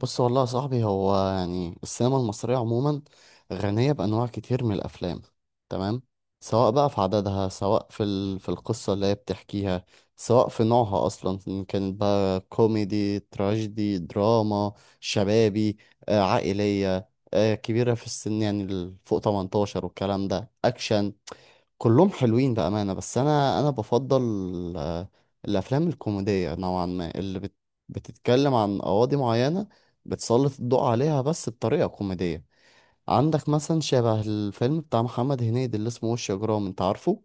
بص والله يا صاحبي، هو يعني السينما المصرية عموما غنية بأنواع كتير من الأفلام. تمام. سواء بقى في عددها، سواء في القصة اللي هي بتحكيها، سواء في نوعها أصلا إن كانت بقى كوميدي تراجيدي دراما شبابي عائلية كبيرة في السن، يعني فوق 18 والكلام ده أكشن. كلهم حلوين بأمانة، بس أنا بفضل آه، الأفلام الكوميدية نوعا ما، اللي بتتكلم عن قواضي معينة، بتسلط الضوء عليها بس بطريقة كوميدية. عندك مثلا شبه الفيلم بتاع محمد هنيدي اللي اسمه وش إجرام، أنت عارفه؟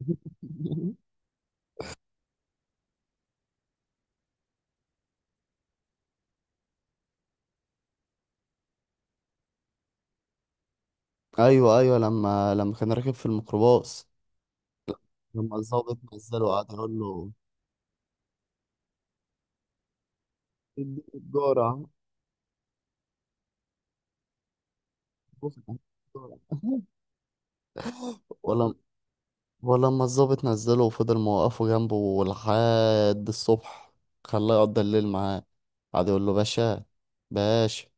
أيوه أيوه، لما كان راكب في الميكروباص، لما الضابط نزله وقعد يقول له اديني الجرعة. ولا ولما الضابط نزله وفضل موقفه جنبه لحد الصبح، خلاه يقضي الليل معاه، قعد يقول له باشا، باشا،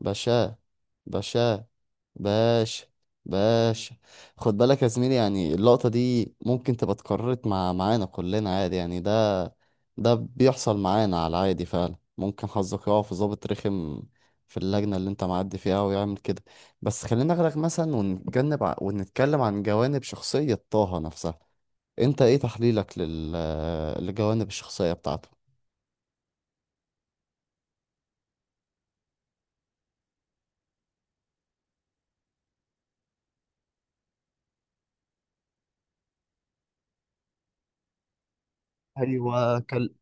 باشا، باشا، باشا، باشا. خد بالك يا زميلي، يعني اللقطة دي ممكن تبقى اتكررت معانا كلنا عادي، يعني ده بيحصل معانا على العادي فعلا، ممكن حظك يقع في ضابط رخم في اللجنة اللي انت معدي فيها ويعمل كده. بس خلينا نغرق مثلا ونتجنب ونتكلم عن جوانب شخصية طه نفسها. انت ايه تحليلك لجوانب الشخصية بتاعته؟ ايوه،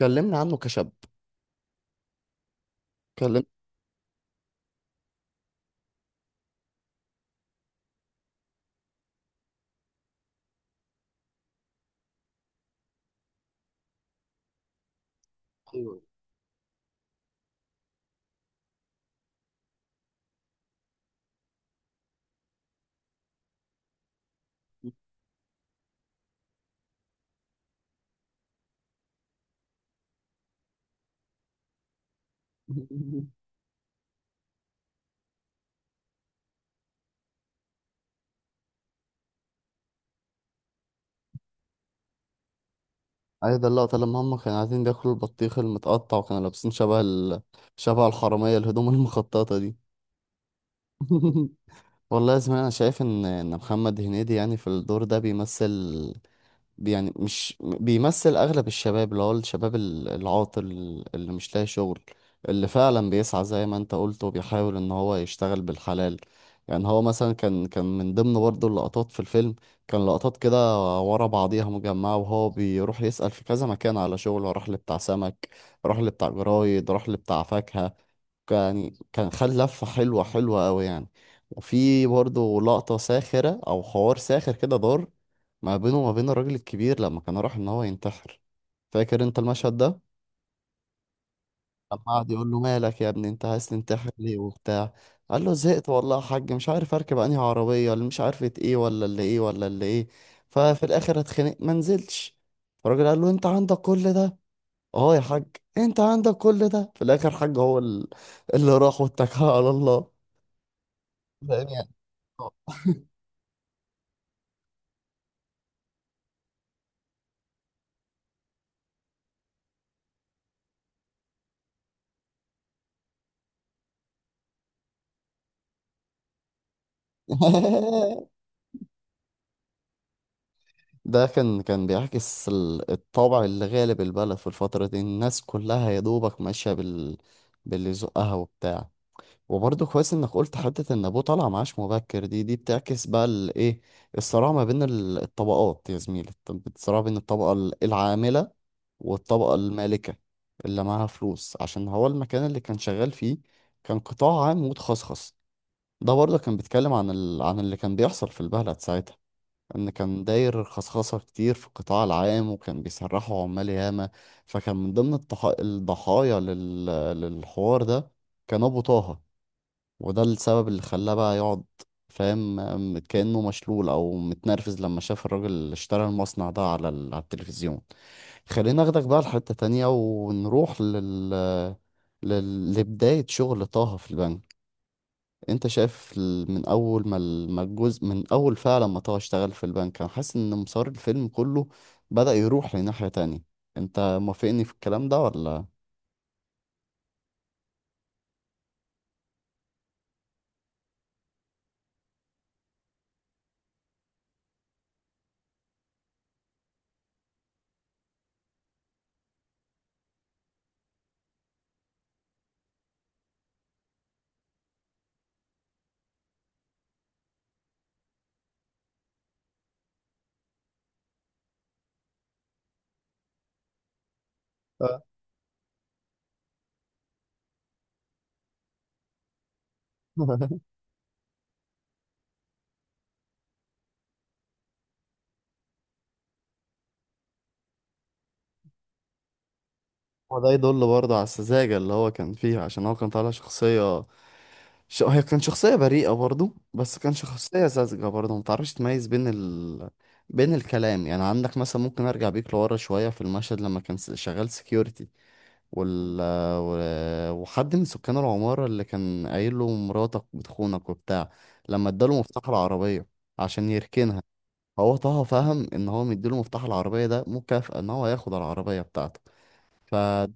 كلمني عنه كشاب. كلمني. ايوه. عايز اللقطة لما هم كانوا قاعدين بياكلوا البطيخ المتقطع وكانوا لابسين شبه الحرامية، الهدوم المخططة دي. والله يا زميلي، انا شايف ان محمد هنيدي يعني في الدور ده بيمثل، يعني مش بيمثل اغلب الشباب، اللي هو الشباب العاطل، اللي مش لاقي شغل، اللي فعلا بيسعى زي ما انت قلت وبيحاول ان هو يشتغل بالحلال. يعني هو مثلا كان من ضمن برضه اللقطات في الفيلم، كان لقطات كده ورا بعضيها مجمعة وهو بيروح يسأل في كذا مكان على شغل، راح لبتاع سمك، راح لبتاع جرايد، راح لبتاع فاكهة. يعني كان خد لفة حلوة حلوة أوي يعني. وفي برضه لقطة ساخرة أو حوار ساخر كده دار ما بينه وما بين الراجل الكبير لما كان راح ان هو ينتحر. فاكر انت المشهد ده؟ لما قعد يقول له مالك يا ابني، انت عايز تنتحر ليه وبتاع؟ قال له زهقت والله يا حاج، مش عارف اركب انهي عربيه، اللي مش عارفه ايه، ولا اللي ايه، ولا اللي ايه. ففي الاخر اتخنق ما نزلش. فالراجل قال له انت عندك كل ده؟ اه يا حاج. انت عندك كل ده في الاخر حاج، هو اللي راح واتكل على الله. فاهم يعني. ده كان بيعكس الطابع اللي غالب البلد في الفترة دي، الناس كلها يا دوبك ماشية باللي يزقها وبتاع. وبرضه كويس انك قلت حتة ان ابوه طالع معاش مبكر، دي بتعكس بقى الايه، الصراع ما بين الطبقات يا زميلي، الصراع بين الطبقة العاملة والطبقة المالكة، اللي معاها فلوس، عشان هو المكان اللي كان شغال فيه كان قطاع عام متخصص. ده برضه كان بيتكلم عن عن اللي كان بيحصل في البلد ساعتها، ان كان داير خصخصة كتير في القطاع العام وكان بيسرحوا عمال ياما، فكان من ضمن الضحايا للحوار ده كان ابو طه. وده السبب اللي خلاه بقى يقعد، فاهم، كأنه مشلول او متنرفز لما شاف الراجل اللي اشترى المصنع ده على على التلفزيون. خلينا اخدك بقى لحتة تانية ونروح لبداية شغل طه في البنك. انت شايف من اول ما ما الجزء من اول فعلا ما طه اشتغل في البنك، انا حاسس ان مسار الفيلم كله بدأ يروح لناحية تانية. انت موافقني في الكلام ده ولا؟ آه. وده يدل برضه على السذاجة اللي هو كان فيها، عشان هو كان طالع شخصية، هي كان شخصية بريئة برضه، بس كان شخصية ساذجة برضه، متعرفش تميز بين بين الكلام. يعني عندك مثلا، ممكن ارجع بيك لورا شوية في المشهد لما كان شغال security وال... وحد من سكان العمارة اللي كان قايل له مراتك بتخونك وبتاع، لما اداله مفتاح العربية عشان يركنها، هو طه فهم ان هو مديله مفتاح العربية ده مكافأة ان هو هياخد العربية بتاعته. فدي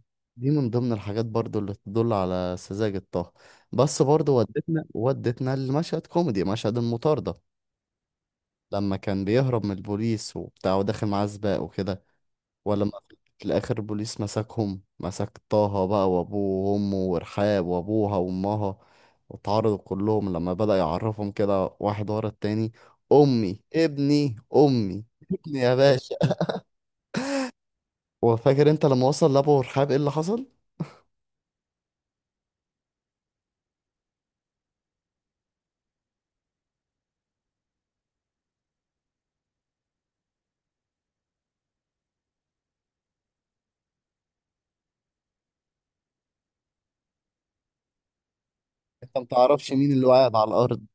من ضمن الحاجات برضو اللي تدل على سذاجة طه. بس برضو ودتنا لمشهد كوميدي، مشهد المطاردة، لما كان بيهرب من البوليس وبتاع وداخل معاه سباق وكده. ولا ما في الاخر البوليس مسكهم، مسك طه بقى وابوه وامه ورحاب وابوها وامها، واتعرضوا كلهم لما بدأ يعرفهم كده واحد ورا التاني. امي، ابني، امي، ابني يا باشا. وفاكر انت لما وصل لابو رحاب ايه اللي حصل؟ انت متعرفش مين اللي قاعد على الارض؟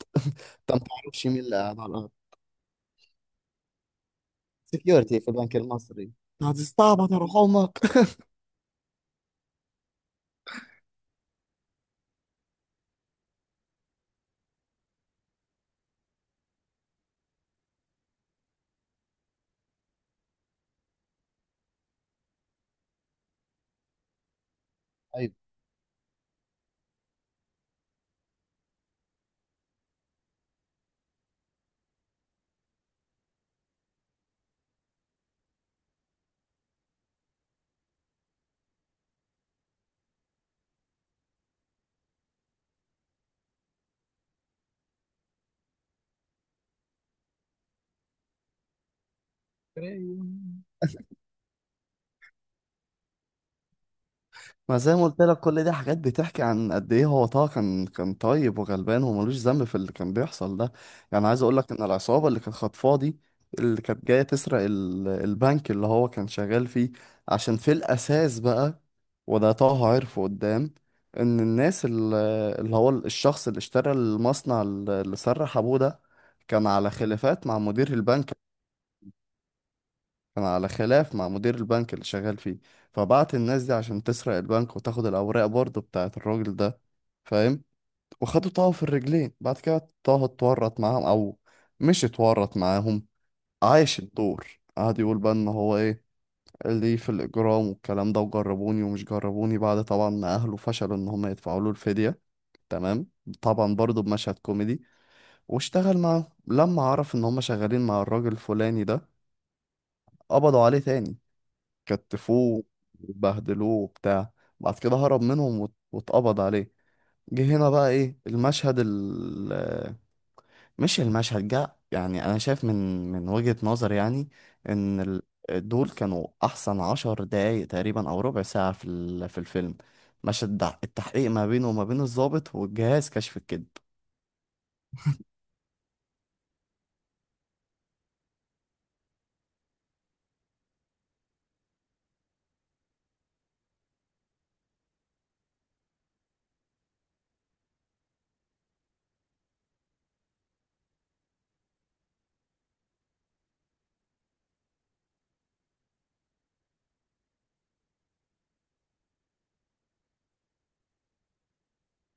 انت متعرفش مين اللي قاعد على الارض؟ سكيورتي في البنك المصري. هتستعبط يا روح امك. ايوه، ما زي ما قلت لك، كل دي حاجات بتحكي عن قد ايه هو طه كان طيب وغلبان وملوش ذنب في اللي كان بيحصل ده. يعني عايز اقول لك ان العصابه اللي كانت خاطفاه دي، اللي كانت جايه تسرق البنك اللي هو كان شغال فيه، عشان في الاساس بقى، وده طه عرفه قدام، ان الناس اللي هو الشخص اللي اشترى المصنع اللي سرح ابوه ده كان على خلافات مع مدير البنك. كان على خلاف مع مدير البنك اللي شغال فيه، فبعت الناس دي عشان تسرق البنك وتاخد الأوراق برضه بتاعة الراجل ده، فاهم. وخدوا طه في الرجلين. بعد كده طه اتورط معاهم، أو مش اتورط معاهم، عايش الدور. قعد يقول بقى إن هو إيه ليه في الإجرام والكلام ده، وجربوني ومش جربوني، بعد طبعا ما أهله فشلوا إن هم يدفعوا له الفدية، تمام. طبعا برضه بمشهد كوميدي، واشتغل معاهم لما عرف إن هم شغالين مع الراجل الفلاني ده، قبضوا عليه تاني، كتفوه وبهدلوه وبتاع. بعد كده هرب منهم واتقبض عليه. جه هنا بقى ايه المشهد مش المشهد جه. يعني انا شايف من وجهة نظر يعني ان دول كانوا احسن 10 دقايق تقريبا او ربع ساعة في في الفيلم، مشهد التحقيق ما بينه وما بين الضابط والجهاز كشف الكذب.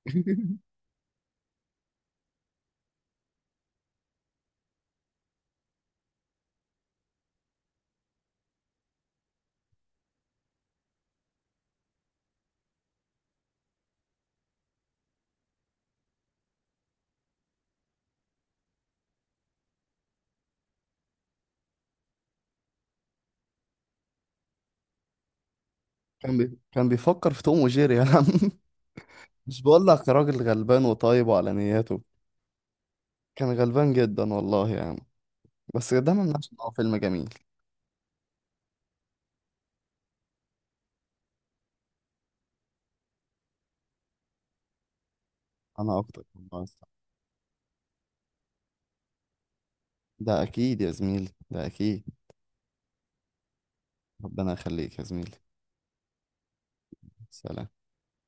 كان بيفكر في توم وجيري يا عم. مش بقول لك راجل غلبان وطيب وعلى نياته، كان غلبان جدا والله يا عم. بس ده ما يمنعش ان هو فيلم جميل. انا اكتر والله. ده اكيد يا زميلي، ده اكيد. ربنا يخليك يا زميلي. سلام.